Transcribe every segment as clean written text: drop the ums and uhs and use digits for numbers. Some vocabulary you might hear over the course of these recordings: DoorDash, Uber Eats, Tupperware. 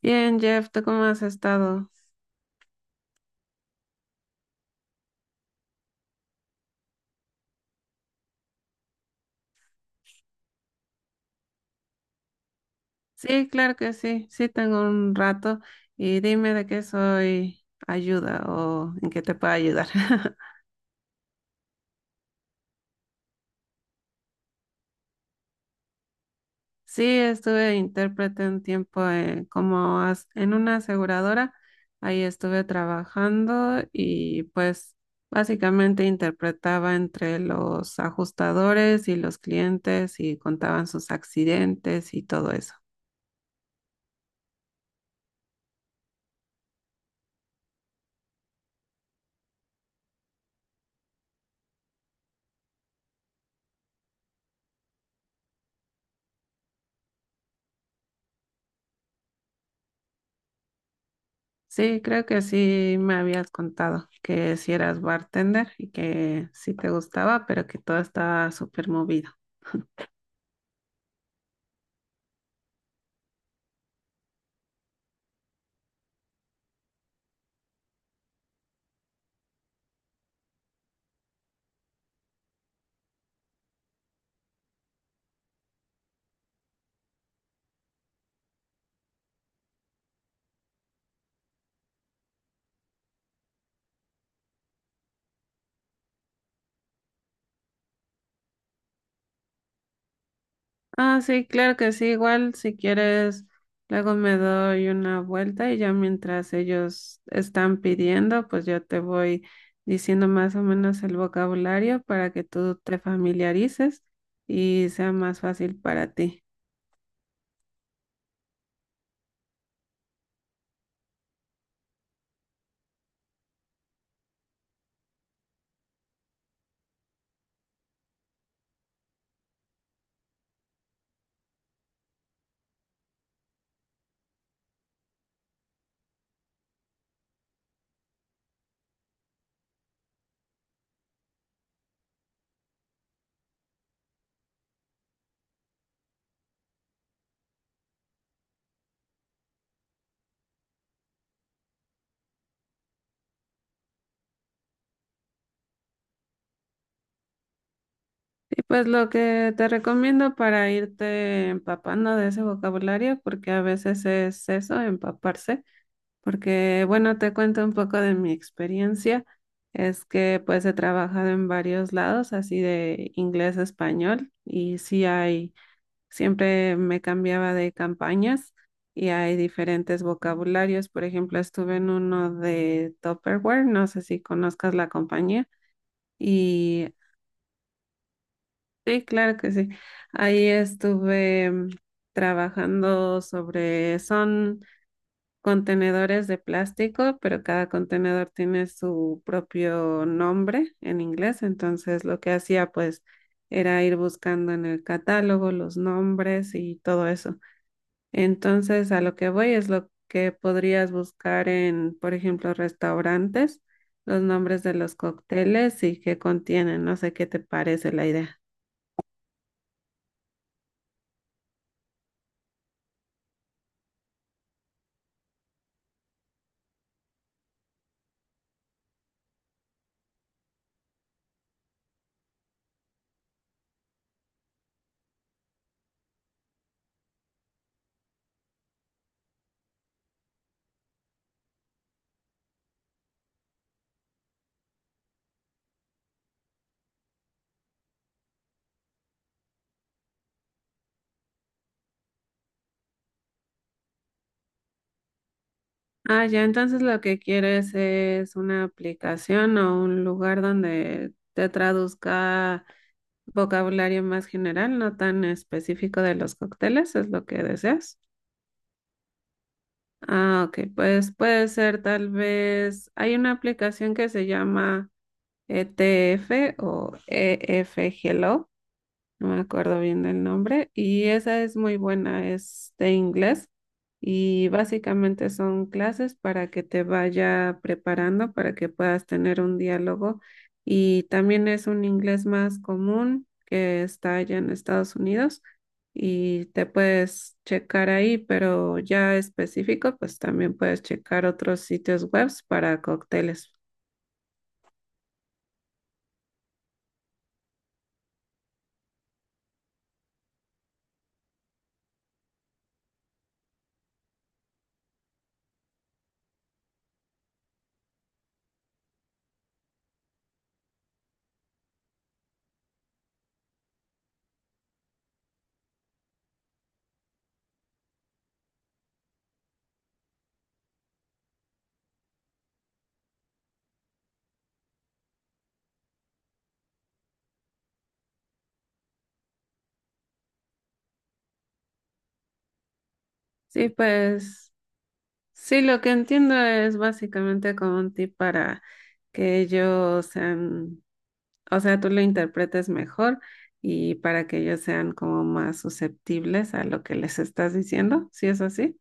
Bien, Jeff, ¿tú cómo has estado? Sí, claro que sí, sí tengo un rato y dime de qué soy ayuda o en qué te puedo ayudar. Sí, estuve intérprete un tiempo como en una aseguradora, ahí estuve trabajando y pues básicamente interpretaba entre los ajustadores y los clientes y contaban sus accidentes y todo eso. Sí, creo que sí me habías contado que si eras bartender y que sí te gustaba, pero que todo estaba súper movido. Ah, sí, claro que sí, igual si quieres, luego me doy una vuelta y ya mientras ellos están pidiendo, pues yo te voy diciendo más o menos el vocabulario para que tú te familiarices y sea más fácil para ti. Y pues lo que te recomiendo para irte empapando de ese vocabulario, porque a veces es eso, empaparse, porque bueno, te cuento un poco de mi experiencia, es que pues he trabajado en varios lados, así de inglés a español, y sí hay, siempre me cambiaba de campañas y hay diferentes vocabularios, por ejemplo, estuve en uno de Tupperware, no sé si conozcas la compañía. Y sí, claro que sí. Ahí estuve trabajando sobre, son contenedores de plástico, pero cada contenedor tiene su propio nombre en inglés. Entonces lo que hacía pues era ir buscando en el catálogo los nombres y todo eso. Entonces a lo que voy es lo que podrías buscar en, por ejemplo, restaurantes, los nombres de los cócteles y qué contienen. No sé qué te parece la idea. Ah, ya, entonces lo que quieres es una aplicación o un lugar donde te traduzca vocabulario más general, no tan específico de los cócteles, es lo que deseas. Ah, ok, pues puede ser tal vez, hay una aplicación que se llama E T F o E F EF, no me acuerdo bien del nombre, y esa es muy buena, es de inglés y básicamente son clases para que te vaya preparando, para que puedas tener un diálogo y también es un inglés más común que está allá en Estados Unidos y te puedes checar ahí, pero ya específico, pues también puedes checar otros sitios web para cócteles. Sí, pues sí, lo que entiendo es básicamente como un tip para que ellos sean, o sea, tú lo interpretes mejor y para que ellos sean como más susceptibles a lo que les estás diciendo, si es así.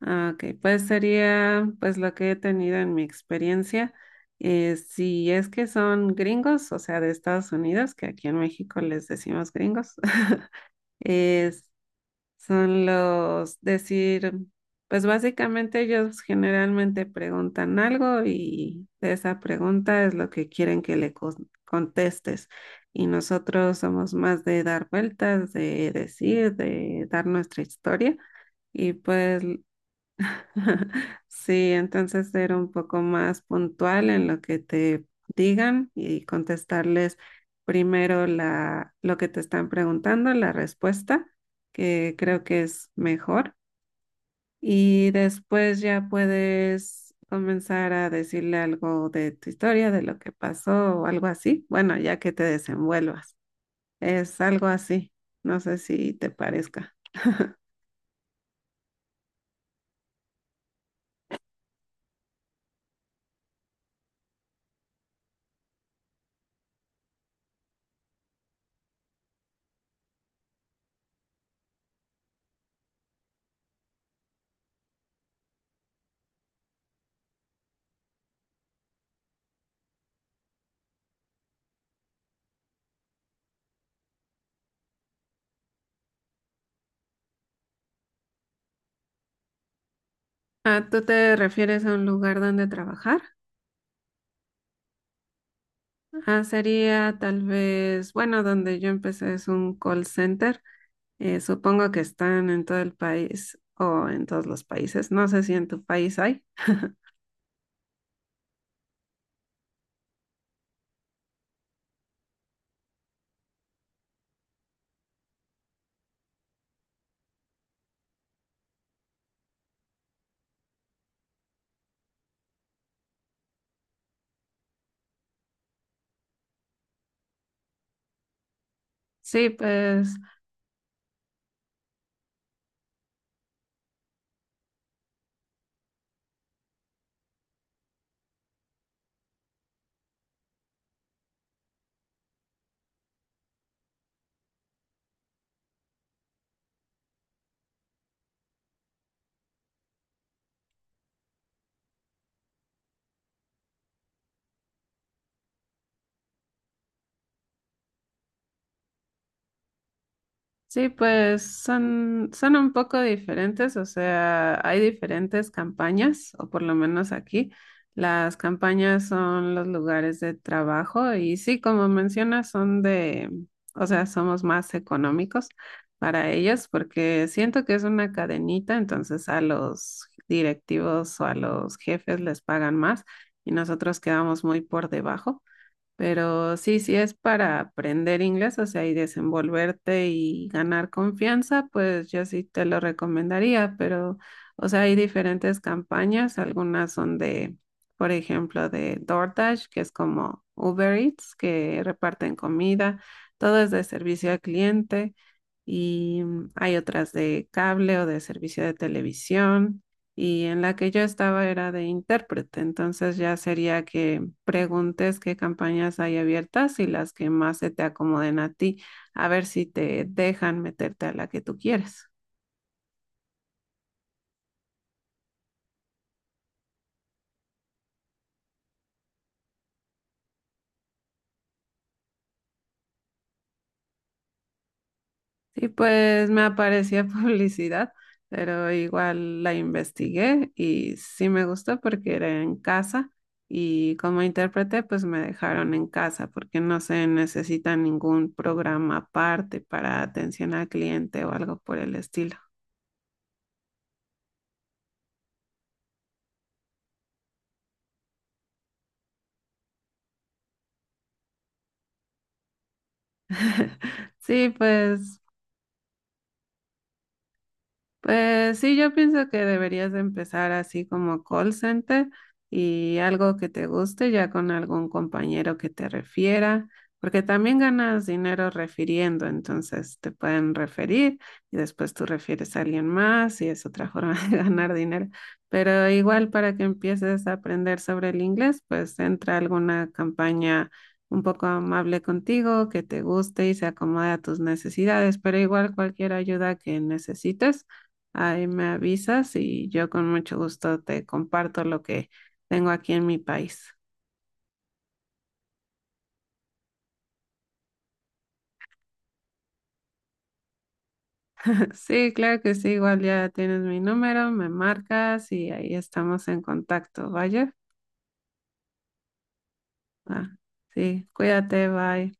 Ah, ok, pues sería pues lo que he tenido en mi experiencia. Si es que son gringos, o sea, de Estados Unidos, que aquí en México les decimos gringos, es son los decir, pues básicamente ellos generalmente preguntan algo y de esa pregunta es lo que quieren que le contestes. Y nosotros somos más de dar vueltas, de decir, de dar nuestra historia. Y pues sí, entonces ser un poco más puntual en lo que te digan y contestarles primero lo que te están preguntando, la respuesta, que creo que es mejor. Y después ya puedes comenzar a decirle algo de tu historia, de lo que pasó o algo así. Bueno, ya que te desenvuelvas. Es algo así. No sé si te parezca. Ah, ¿tú te refieres a un lugar donde trabajar? Ah, sería tal vez, bueno, donde yo empecé es un call center. Supongo que están en todo el país o en todos los países. No sé si en tu país hay. Sí, pues sí, pues son, son un poco diferentes, o sea, hay diferentes campañas, o por lo menos aquí, las campañas son los lugares de trabajo y sí, como mencionas, son de, o sea, somos más económicos para ellos porque siento que es una cadenita, entonces a los directivos o a los jefes les pagan más y nosotros quedamos muy por debajo. Pero sí, si es para aprender inglés, o sea, y desenvolverte y ganar confianza, pues yo sí te lo recomendaría, pero, o sea, hay diferentes campañas, algunas son de, por ejemplo, de DoorDash, que es como Uber Eats, que reparten comida, todo es de servicio al cliente, y hay otras de cable o de servicio de televisión, y en la que yo estaba era de intérprete, entonces ya sería que preguntes qué campañas hay abiertas y las que más se te acomoden a ti, a ver si te dejan meterte a la que tú quieres. Y pues me aparecía publicidad, pero igual la investigué y sí me gustó porque era en casa y como intérprete pues me dejaron en casa porque no se necesita ningún programa aparte para atención al cliente o algo por el estilo. Sí, pues pues sí, yo pienso que deberías de empezar así como call center y algo que te guste ya con algún compañero que te refiera, porque también ganas dinero refiriendo, entonces te pueden referir y después tú refieres a alguien más y es otra forma de ganar dinero. Pero igual para que empieces a aprender sobre el inglés, pues entra a alguna campaña un poco amable contigo, que te guste y se acomode a tus necesidades, pero igual cualquier ayuda que necesites. Ahí me avisas y yo con mucho gusto te comparto lo que tengo aquí en mi país. Sí, claro que sí, igual ya tienes mi número, me marcas y ahí estamos en contacto, ¿vaya? Ah, sí, cuídate, bye.